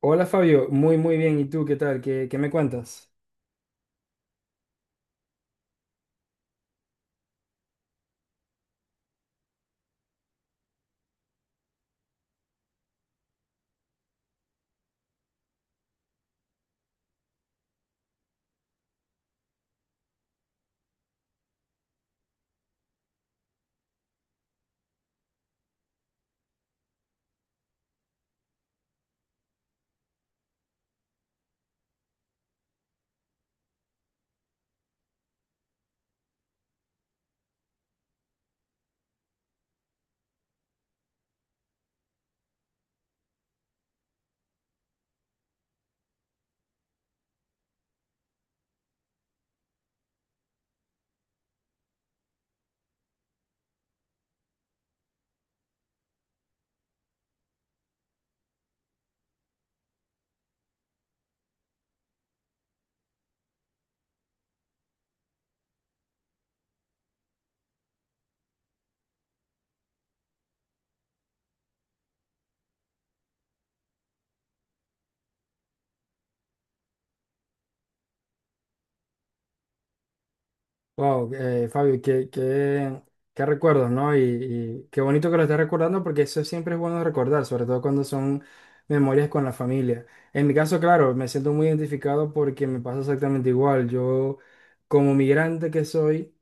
Hola Fabio, muy muy bien. ¿Y tú qué tal? ¿Qué me cuentas? Wow, Fabio, qué recuerdos, ¿no? Y qué bonito que lo estés recordando porque eso siempre es bueno recordar, sobre todo cuando son memorias con la familia. En mi caso, claro, me siento muy identificado porque me pasa exactamente igual. Yo, como migrante que soy,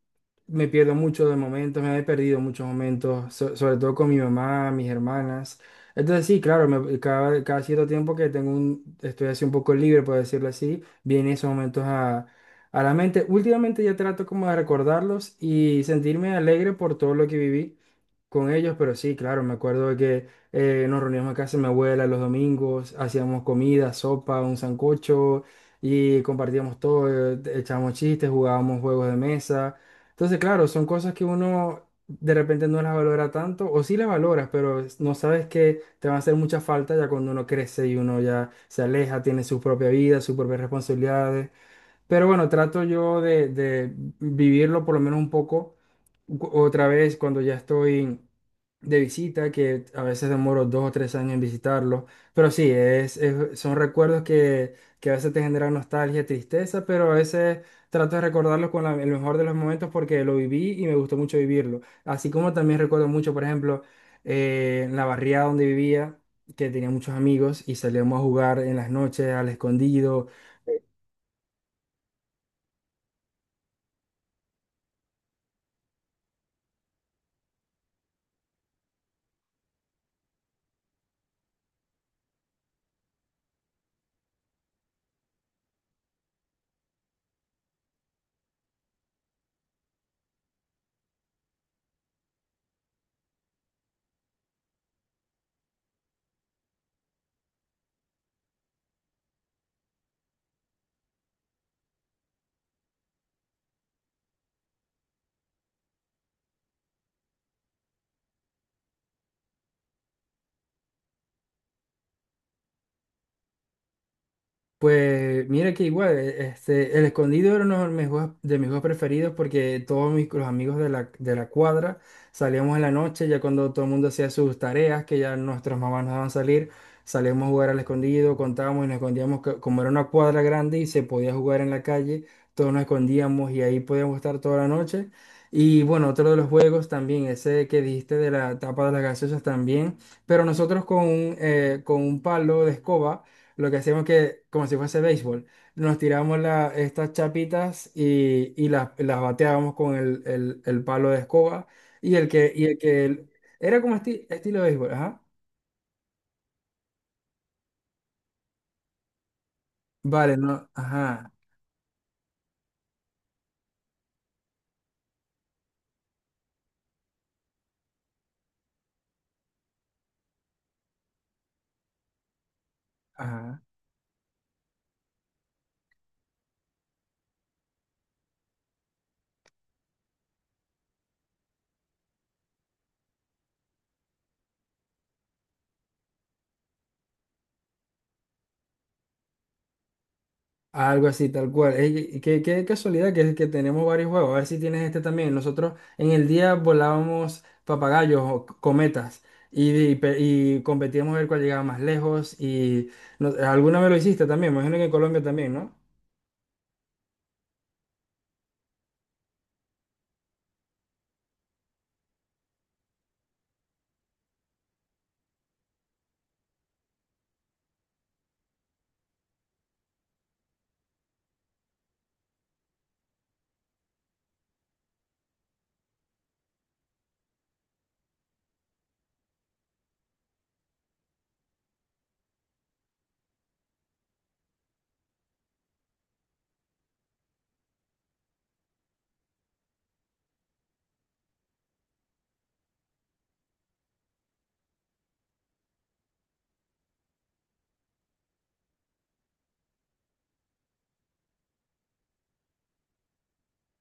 me pierdo mucho de momentos, me he perdido muchos momentos, sobre todo con mi mamá, mis hermanas. Entonces sí, claro, cada cierto tiempo que tengo un, estoy así un poco libre, por decirlo así, vienen esos momentos a la mente. Últimamente ya trato como de recordarlos y sentirme alegre por todo lo que viví con ellos, pero sí, claro, me acuerdo de que nos reuníamos en casa de mi abuela los domingos, hacíamos comida, sopa, un sancocho y compartíamos todo, echábamos chistes, jugábamos juegos de mesa. Entonces, claro, son cosas que uno de repente no las valora tanto, o sí las valoras, pero no sabes que te van a hacer mucha falta ya cuando uno crece y uno ya se aleja, tiene su propia vida, sus propias responsabilidades. Pero bueno, trato yo de vivirlo por lo menos un poco otra vez cuando ya estoy de visita, que a veces demoro dos o tres años en visitarlo. Pero sí, son recuerdos que a veces te generan nostalgia, tristeza, pero a veces trato de recordarlos con el mejor de los momentos porque lo viví y me gustó mucho vivirlo. Así como también recuerdo mucho, por ejemplo, en la barriada donde vivía, que tenía muchos amigos y salíamos a jugar en las noches al escondido. Pues mira que igual, el escondido era uno de mis juegos preferidos, porque todos mis, los amigos de de la cuadra salíamos en la noche, ya cuando todo el mundo hacía sus tareas, que ya nuestras mamás nos daban salir, salíamos a jugar al escondido, contábamos y nos escondíamos, como era una cuadra grande y se podía jugar en la calle, todos nos escondíamos y ahí podíamos estar toda la noche. Y bueno, otro de los juegos también, ese que dijiste de la tapa de las gaseosas también, pero nosotros con un palo de escoba. Lo que hacíamos, que como si fuese béisbol, nos tirábamos estas chapitas y las bateábamos con el palo de escoba. Y el que, y el que era como estilo béisbol, ajá. Vale, no, ajá, ajá. Algo así, tal cual. Ey, y qué casualidad que tenemos varios juegos. A ver si tienes este también. Nosotros en el día volábamos papagayos o cometas y, y competíamos a ver cuál llegaba más lejos. Y alguna vez lo hiciste también. Me imagino que en Colombia también, ¿no?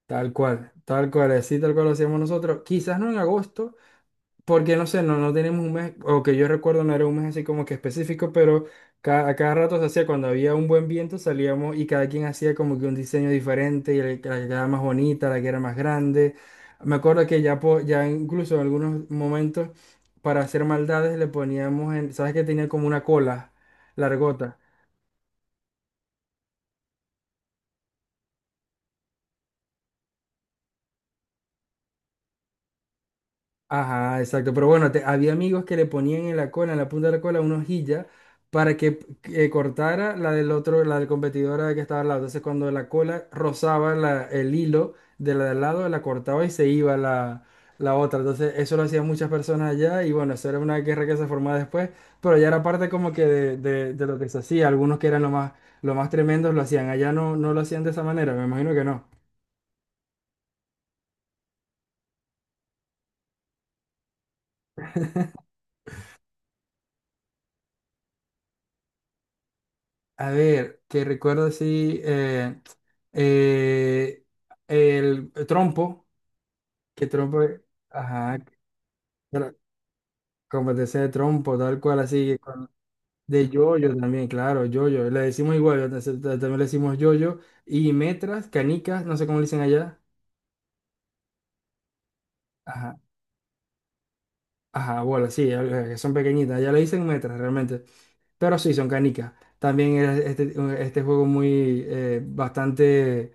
Tal cual, así tal cual lo hacíamos nosotros. Quizás no en agosto, porque no sé, no, no tenemos un mes, o que yo recuerdo no era un mes así como que específico, pero a cada rato se hacía cuando había un buen viento, salíamos y cada quien hacía como que un diseño diferente, y la que era más bonita, la que era más grande. Me acuerdo que ya, ya incluso en algunos momentos, para hacer maldades, le poníamos en, ¿sabes que tenía como una cola largota? Ajá, exacto. Pero bueno, había amigos que le ponían en la cola, en la punta de la cola, una hojilla para que cortara la del otro, la del competidora que estaba al lado. Entonces, cuando la cola rozaba el hilo de la de al lado, la cortaba y se iba la, la otra. Entonces, eso lo hacían muchas personas allá, y bueno, eso era una guerra que se formaba después, pero ya era parte como que de, de lo que se hacía. Algunos que eran lo más tremendos lo hacían. Allá no, no lo hacían de esa manera, me imagino que no. A ver, que recuerdo así, eh, el trompo, que trompo, ajá, tra- competencia de trompo, tal cual, así, de yoyo también, claro, yoyo, le decimos igual, entonces, también le decimos yoyo, y metras, canicas, no sé cómo le dicen allá, ajá, ajá, bolas, sí, que son pequeñitas, allá le dicen metras realmente. Pero sí, son canicas. También era este, este juego muy bastante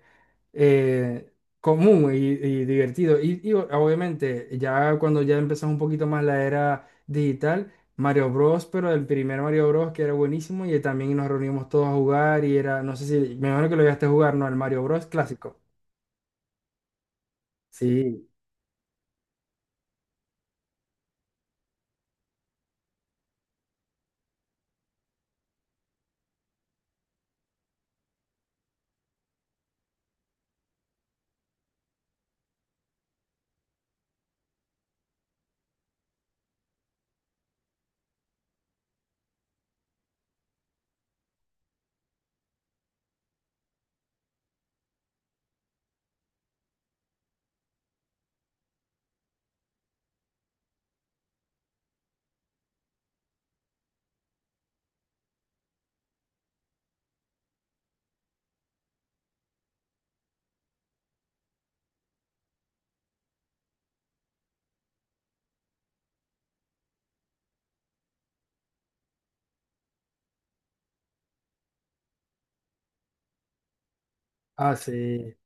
eh, común y divertido. Y obviamente, ya cuando ya empezamos un poquito más la era digital, Mario Bros, pero el primer Mario Bros que era buenísimo y también nos reunimos todos a jugar y era, no sé si, me imagino que lo llegaste a jugar, ¿no? El Mario Bros clásico. Sí. Ah, sí.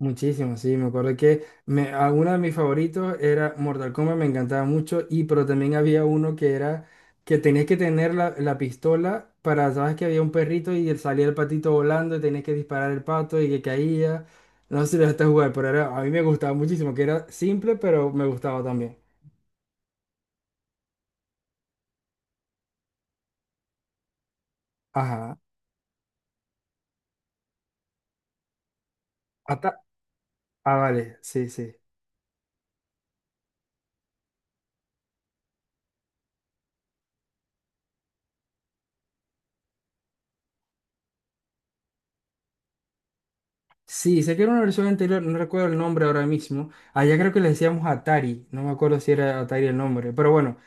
Muchísimo, sí, me acuerdo que me, uno de mis favoritos era Mortal Kombat, me encantaba mucho, y pero también había uno que era que tenías que tener la, la pistola para, sabes que había un perrito y él salía el patito volando y tenías que disparar el pato y que caía. No sé si lo dejaste jugar, pero era, a mí me gustaba muchísimo, que era simple, pero me gustaba también. Ajá. Ata- ah, vale, sí, sí. Sí, sé que era una versión anterior, no recuerdo el nombre ahora mismo. Allá creo que le decíamos Atari, no me acuerdo si era Atari el nombre, pero bueno.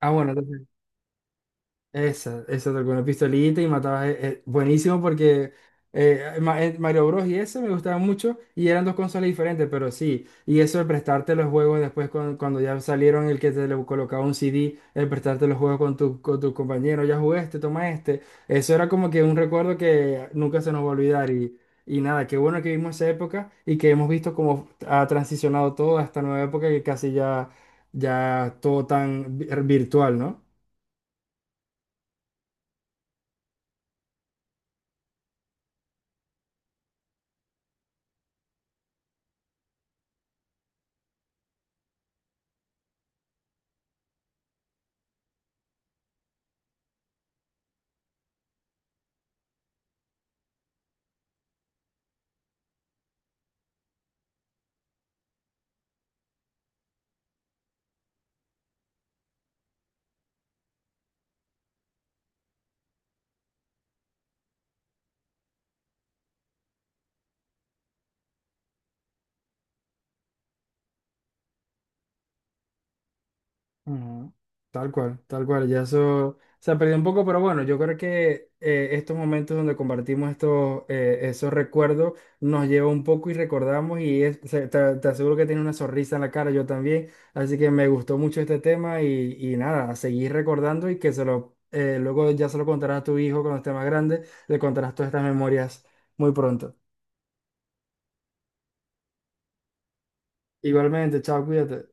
Ah, bueno, entonces. Esa con una pistolita y matabas. Buenísimo porque Mario Bros. Y ese me gustaban mucho y eran dos consolas diferentes, pero sí. Y eso de prestarte los juegos después cuando ya salieron, el que te le colocaba un CD, el prestarte los juegos con tu compañero, ya jugué este, toma este. Eso era como que un recuerdo que nunca se nos va a olvidar. Y nada, qué bueno que vimos esa época y que hemos visto cómo ha transicionado todo a esta nueva época que casi ya, ya todo tan virtual, ¿no? Ujú. Tal cual, ya eso se ha perdido un poco, pero bueno, yo creo que estos momentos donde compartimos estos, esos recuerdos nos lleva un poco y recordamos y te, te aseguro que tiene una sonrisa en la cara, yo también, así que me gustó mucho este tema y nada, a seguir recordando. Y que se lo, luego ya se lo contarás a tu hijo cuando esté más grande, le contarás todas estas memorias muy pronto. Igualmente, chao, cuídate.